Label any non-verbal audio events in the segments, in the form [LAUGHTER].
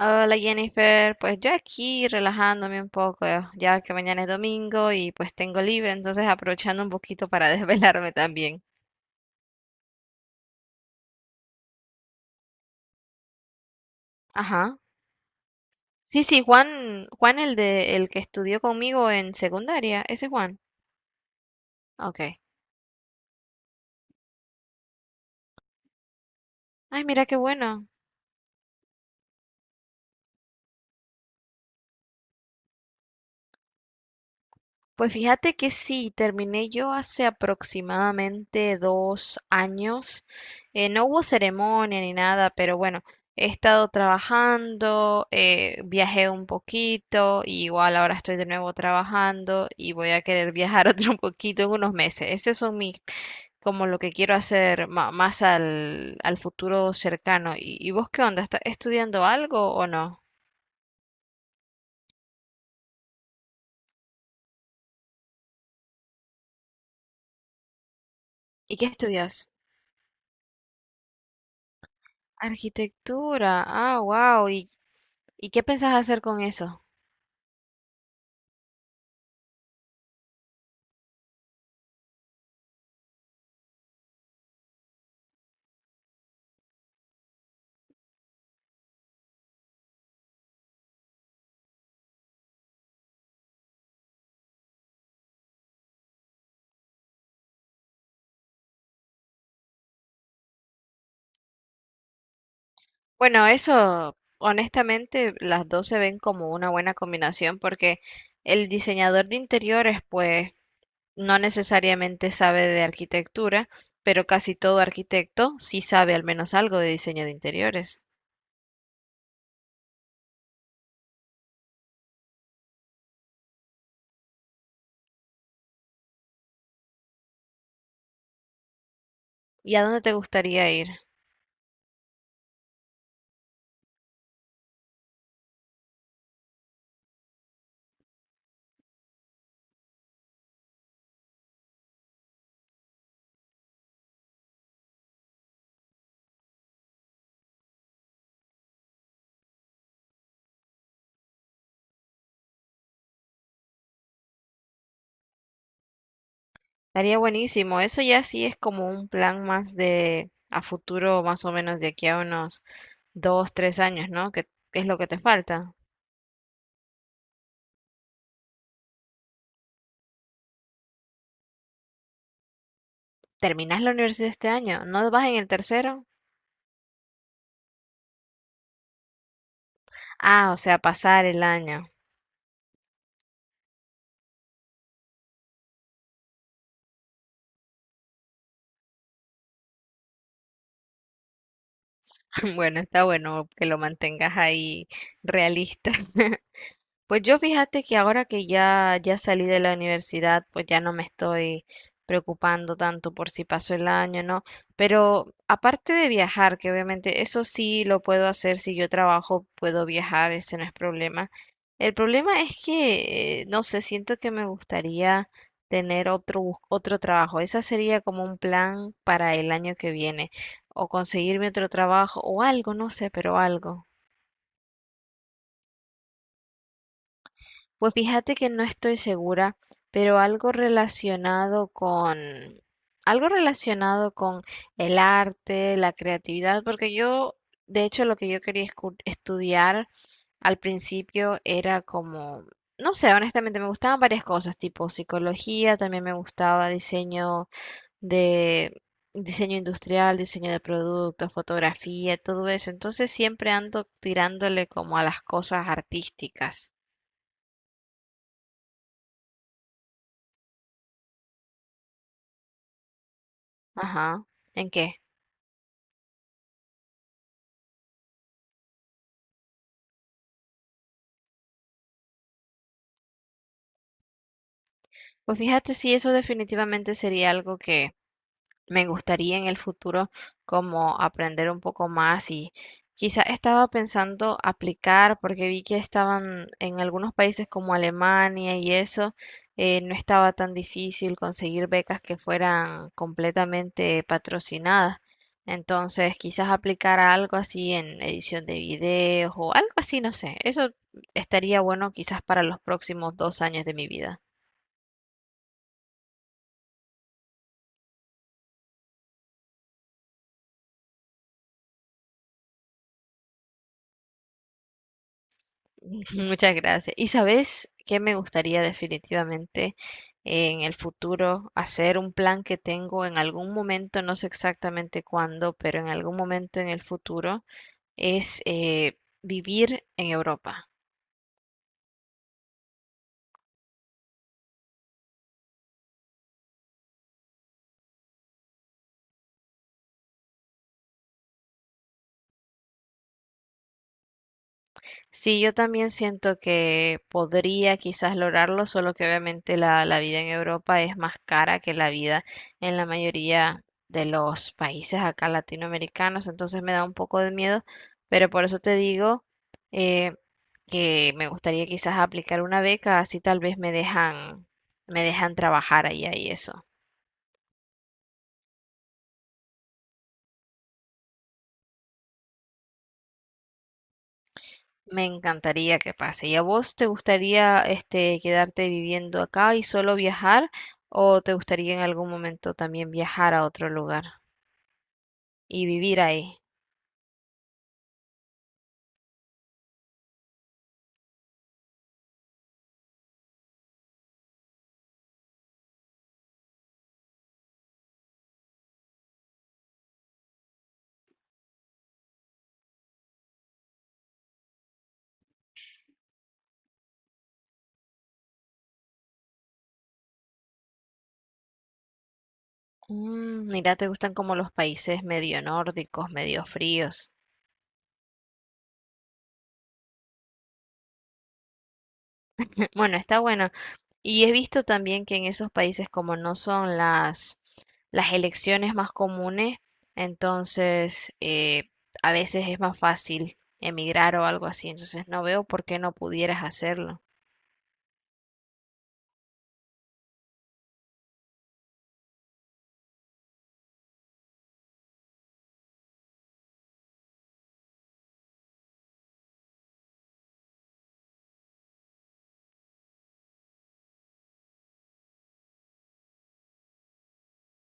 Hola Jennifer, pues yo aquí relajándome un poco, ya que mañana es domingo y pues tengo libre, entonces aprovechando un poquito para [LAUGHS] desvelarme también. Ajá. Sí, sí, Juan, Juan el que estudió conmigo en secundaria, ese Juan. Ok. Ay, mira qué bueno. Pues fíjate que sí, terminé yo hace aproximadamente 2 años. No hubo ceremonia ni nada, pero bueno, he estado trabajando, viajé un poquito, y igual ahora estoy de nuevo trabajando y voy a querer viajar [LAUGHS] otro poquito en unos meses. Ese son mis, como lo que quiero hacer más al futuro cercano. ¿Y vos qué onda? ¿Estás estudiando algo o no? ¿Y qué estudias? Arquitectura. Ah, wow. ¿Y qué pensás hacer con eso? Bueno, eso, honestamente, las dos se ven como una buena combinación porque el diseñador de interiores, pues, no necesariamente sabe de arquitectura, pero casi todo arquitecto sí sabe al menos algo de diseño de interiores. ¿Y a dónde te gustaría ir? Estaría buenísimo. Eso ya sí es como un plan más de a futuro, más o menos de aquí a unos 2, 3 años, ¿no? ¿Qué es lo que te falta? ¿Terminas la universidad este año? ¿No vas en el tercero? Ah, o sea, pasar el año. [LAUGHS] Bueno, está bueno que lo mantengas ahí realista. [LAUGHS] Pues yo fíjate que ahora que ya salí de la universidad, pues ya no me estoy preocupando tanto por si pasó el año, ¿no? Pero aparte de viajar, que obviamente eso sí lo puedo hacer, si yo trabajo puedo viajar, ese no es problema. El problema es que, no sé, siento que me gustaría tener otro trabajo. Esa sería como un plan para el año que viene, o conseguirme otro trabajo o algo, no sé, pero algo. Pues fíjate que no estoy segura, pero algo relacionado con el arte, la creatividad, porque yo, de hecho, lo que yo quería estudiar al principio era como, no sé, honestamente me gustaban varias cosas, tipo psicología, también me gustaba de diseño industrial, diseño de productos, fotografía, todo eso. Entonces siempre ando tirándole como a las cosas artísticas. Ajá. ¿En qué? Pues fíjate sí, eso definitivamente sería algo que me gustaría en el futuro como aprender un poco más y quizá estaba pensando aplicar porque vi que estaban en algunos países como Alemania y eso, no estaba tan difícil conseguir becas que fueran completamente patrocinadas. Entonces, quizás aplicar a algo así en edición de videos o algo así, no sé. Eso estaría bueno quizás para los próximos 2 años de mi vida. Muchas gracias. ¿Y sabes qué me gustaría definitivamente en el futuro hacer un plan que tengo en algún momento, no sé exactamente cuándo, pero en algún momento en el futuro es vivir en Europa. Sí, yo también siento que podría quizás lograrlo, solo que obviamente la vida en Europa es más cara que la vida en la mayoría de los países acá latinoamericanos, entonces me da un poco de miedo, pero por eso te digo eh, que me gustaría quizás aplicar una beca, así tal vez me dejan trabajar allá y eso. Me encantaría que pase. ¿Y a vos te gustaría este quedarte viviendo acá y solo viajar o te gustaría en algún momento también viajar a otro lugar y vivir ahí? Mira, te gustan como los países medio nórdicos, medio fríos. [LAUGHS] Bueno, está bueno. Y he visto también que en esos países como no son las elecciones más comunes, entonces a veces es más fácil emigrar o algo así. Entonces no veo por qué no pudieras hacerlo.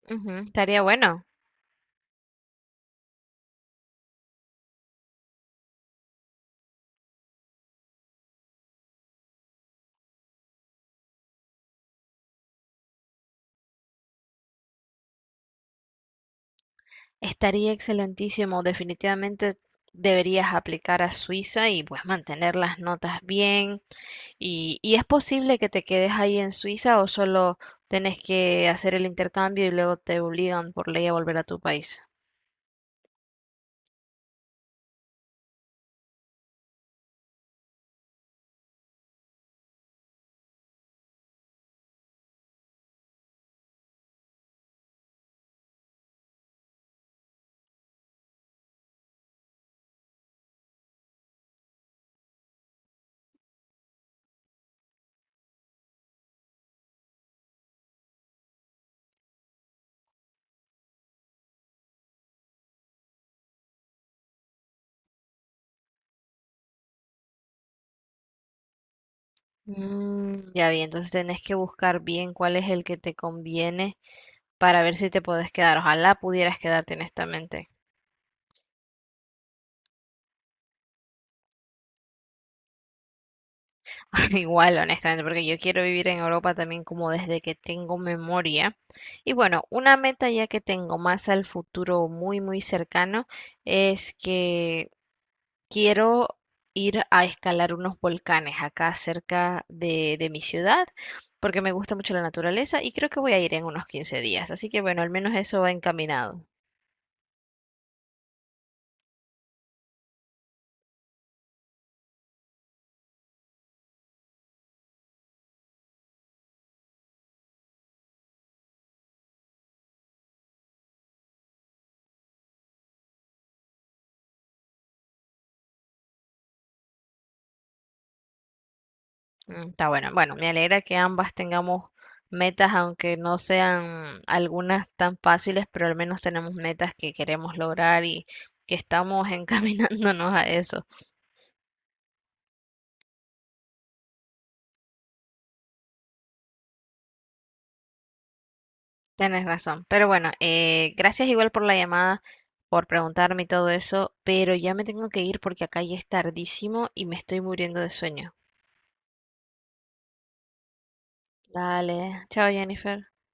Ujú, estaría bueno, estaría excelentísimo. Definitivamente deberías aplicar a Suiza y pues mantener las notas bien. ¿Y es posible que te quedes ahí en Suiza o solo tenés que hacer el intercambio y luego te obligan por ley a volver a tu país? Ya vi, entonces tenés que buscar bien cuál es el que te conviene para ver si te podés quedar. Ojalá pudieras quedarte honestamente. [LAUGHS] Igual, honestamente, porque yo quiero vivir en Europa también como desde que tengo memoria. Y bueno, una meta ya que tengo más al futuro muy, muy cercano es que quiero ir a escalar unos volcanes acá cerca de mi ciudad, porque me gusta mucho la naturaleza y creo que voy a ir en unos 15 días. Así que bueno, al menos eso va encaminado. Está bueno. Bueno, me alegra que ambas tengamos metas, aunque no sean algunas tan fáciles, pero al menos tenemos metas que queremos lograr y que estamos [LAUGHS] encaminándonos a eso. Tienes razón. Pero bueno, gracias igual por la llamada, por preguntarme y todo eso, pero ya me tengo que ir porque acá ya es tardísimo y me estoy muriendo de sueño. Dale. Chao, Jennifer.